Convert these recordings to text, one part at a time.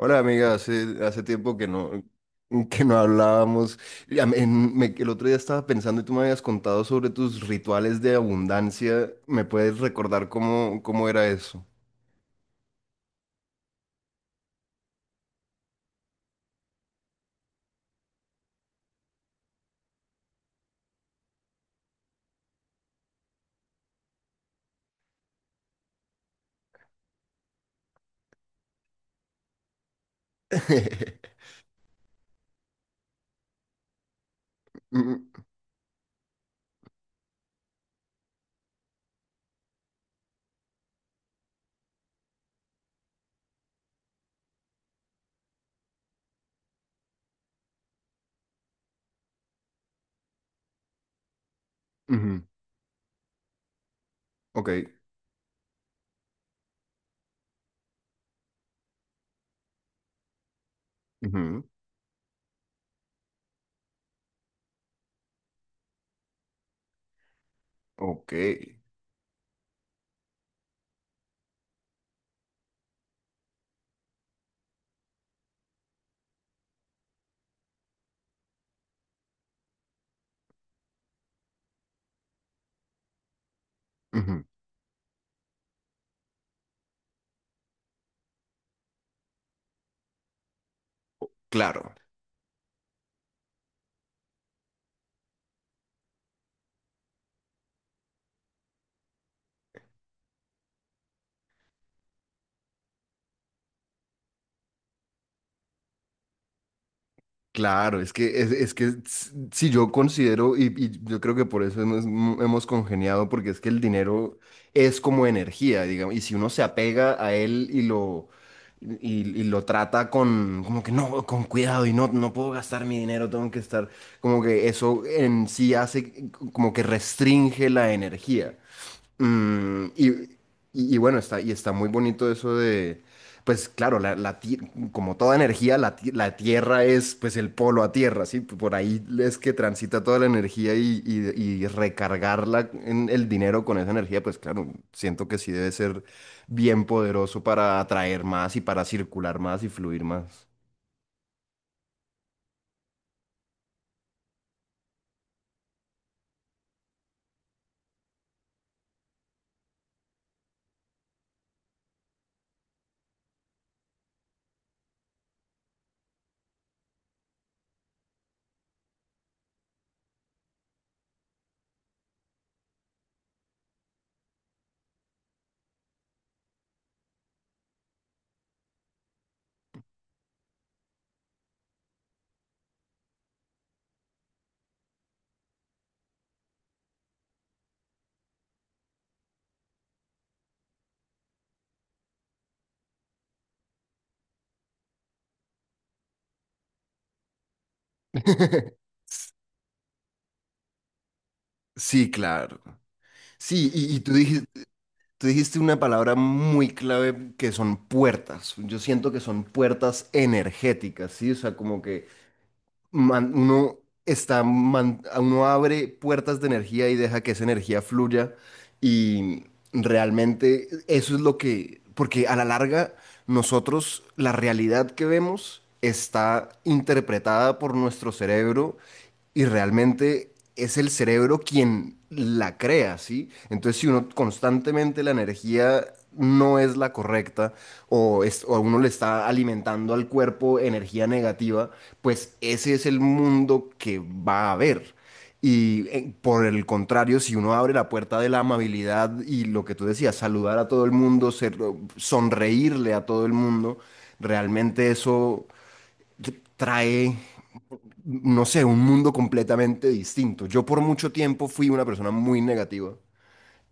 Hola amiga, hace tiempo que que no hablábamos. El otro día estaba pensando y tú me habías contado sobre tus rituales de abundancia. ¿Me puedes recordar cómo era eso? Mm, ujú. Ok, ujú. Ok, ujú. Claro. Claro, es que si yo considero, y yo creo que por eso hemos, hemos congeniado, porque es que el dinero es como energía, digamos, y si uno se apega a él y lo trata con, como que no, con cuidado, y no puedo gastar mi dinero, tengo que como que eso en sí hace, como que restringe la energía. Mm, y bueno, y está muy bonito eso de, pues claro, como toda energía, la Tierra es pues el polo a Tierra, ¿sí? Por ahí es que transita toda la energía y y recargarla en el dinero con esa energía, pues claro, siento que sí debe ser bien poderoso para atraer más y para circular más y fluir más. Sí, claro. Sí, y tú dijiste, tú dijiste una palabra muy clave que son puertas. Yo siento que son puertas energéticas, ¿sí? O sea, como que uno uno abre puertas de energía y deja que esa energía fluya y realmente eso es lo que, porque a la larga nosotros, la realidad que vemos está interpretada por nuestro cerebro y realmente es el cerebro quien la crea, ¿sí? Entonces, si uno constantemente la energía no es la correcta o uno le está alimentando al cuerpo energía negativa, pues ese es el mundo que va a haber. Y por el contrario, si uno abre la puerta de la amabilidad y lo que tú decías, saludar a todo el mundo, sonreírle a todo el mundo, realmente eso trae, no sé, un mundo completamente distinto. Yo por mucho tiempo fui una persona muy negativa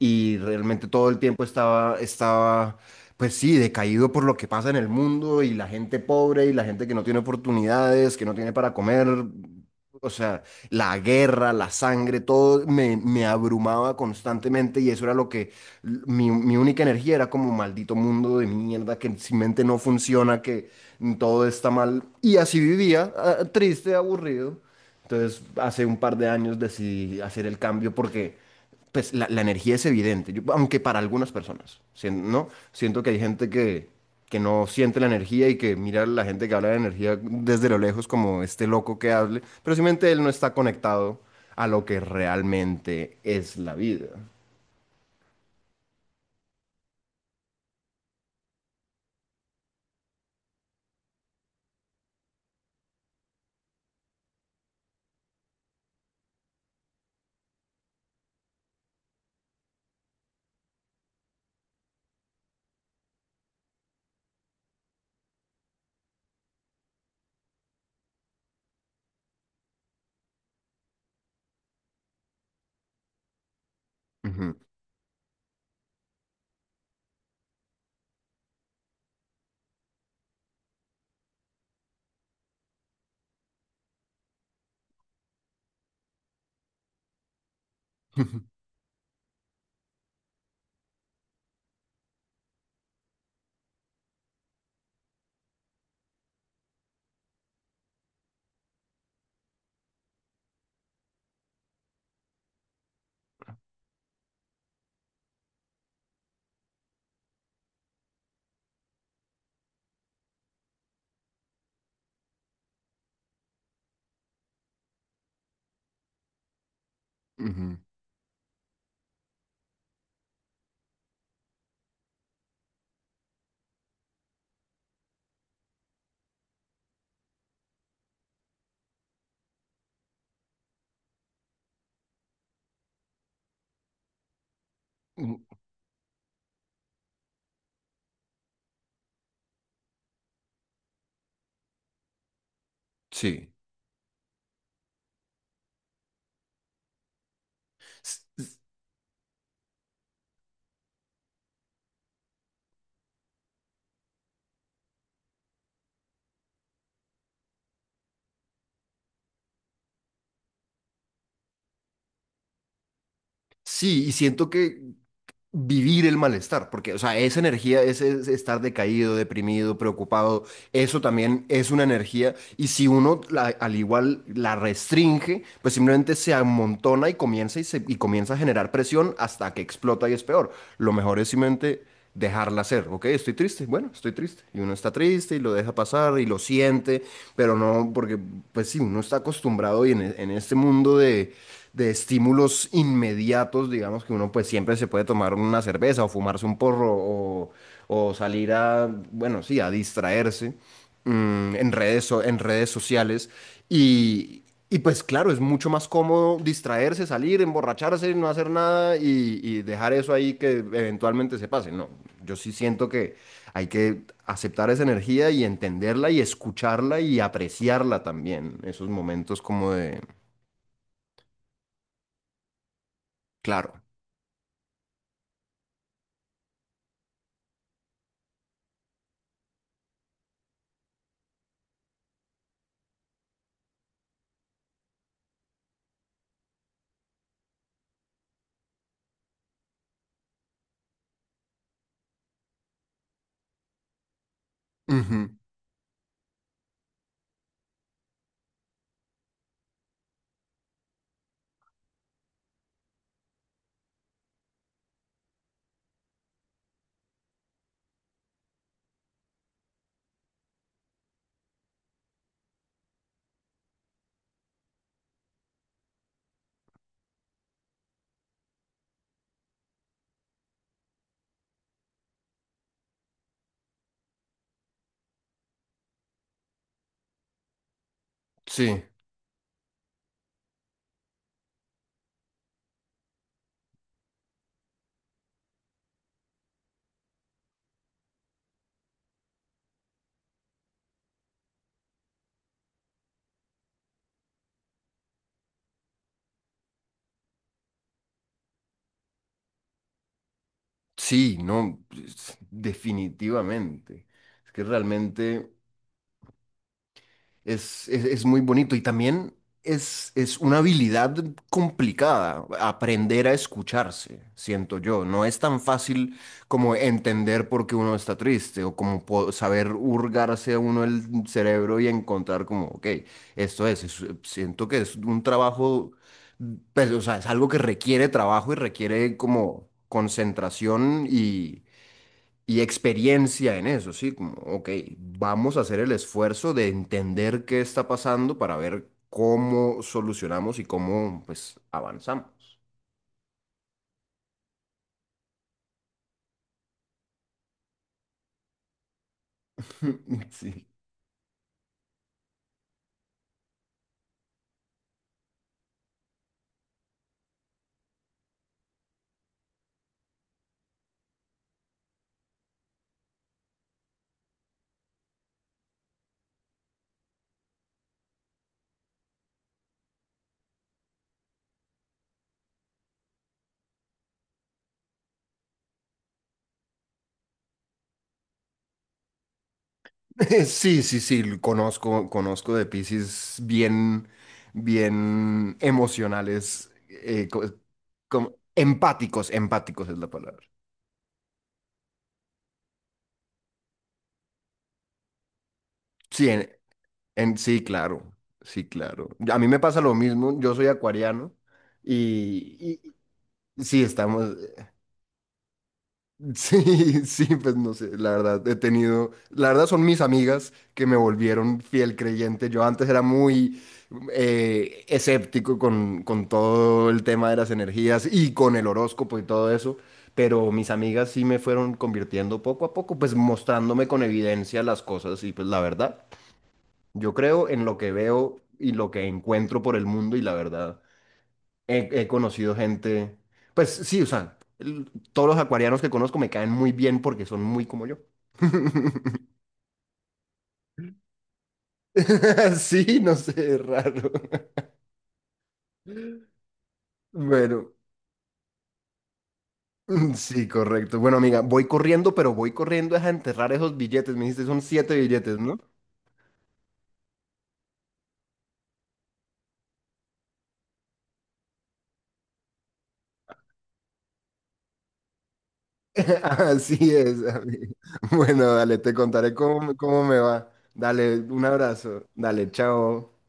y realmente todo el tiempo pues sí, decaído por lo que pasa en el mundo y la gente pobre y la gente que no tiene oportunidades, que no tiene para comer, o sea, la guerra, la sangre, todo me abrumaba constantemente y eso era lo que, mi única energía era como maldito mundo de mierda que sin mente no funciona, que todo está mal y así vivía, ah, triste, aburrido. Entonces, hace un par de años decidí hacer el cambio porque pues la energía es evidente, aunque para algunas personas, ¿no? Siento que hay gente que no siente la energía y que mira a la gente que habla de energía desde lo lejos como este loco que hable, pero simplemente él no está conectado a lo que realmente es la vida. Ujú, ujú. Mm. Sí. S- s- Sí, y siento que vivir el malestar, porque, o sea, esa energía, ese ese estar decaído, deprimido, preocupado, eso también es una energía, y si uno al igual la restringe, pues simplemente se amontona y comienza a generar presión hasta que explota y es peor. Lo mejor es simplemente dejarla ser. Ok, estoy triste, bueno, estoy triste, y uno está triste y lo deja pasar y lo siente, pero no, porque pues sí, uno está acostumbrado y en este mundo de estímulos inmediatos, digamos que uno pues siempre se puede tomar una cerveza o fumarse un porro o salir a, bueno, sí, a distraerse, mm, en en redes sociales. Y, y pues claro, es mucho más cómodo distraerse, salir, emborracharse, no hacer nada y dejar eso ahí que eventualmente se pase. No, yo sí siento que hay que aceptar esa energía y entenderla y escucharla y apreciarla también. Esos momentos como de, claro. Ujú. Sí, sí, no, definitivamente. Es que realmente... es muy bonito y también es una habilidad complicada, aprender a escucharse, siento yo. No es tan fácil como entender por qué uno está triste o como saber hurgarse a uno el cerebro y encontrar como, ok, siento que es un trabajo, pues, o sea, es algo que requiere trabajo y requiere como concentración y experiencia en eso, ¿sí? Como, ok, vamos a hacer el esfuerzo de entender qué está pasando para ver cómo solucionamos y cómo, pues, avanzamos. Sí. Sí, sí, sí, lo conozco, conozco de Piscis bien, bien emocionales, como, empáticos es la palabra. Sí, sí, claro, sí, claro. A mí me pasa lo mismo, yo soy acuariano y, y- sí, estamos. Sí, sí, pues no sé, la verdad, he tenido, la verdad son mis amigas que me volvieron fiel creyente. Yo antes era muy escéptico con todo el tema de las energías y con el horóscopo y todo eso, pero mis amigas sí me fueron convirtiendo poco a poco, pues mostrándome con evidencia las cosas y pues la verdad, yo creo en lo que veo y lo que encuentro por el mundo y la verdad. He conocido gente, pues sí, o sea, todos los acuarianos que conozco me caen muy bien porque son muy como yo. Sí, no sé, es raro. Bueno, mm, sí, correcto. Bueno, amiga, voy corriendo, pero voy corriendo es a enterrar esos billetes. Me dijiste, son siete billetes, ¿no? Así es, amiga. Bueno, dale, te contaré cómo me va. Dale, un abrazo. Dale, chao.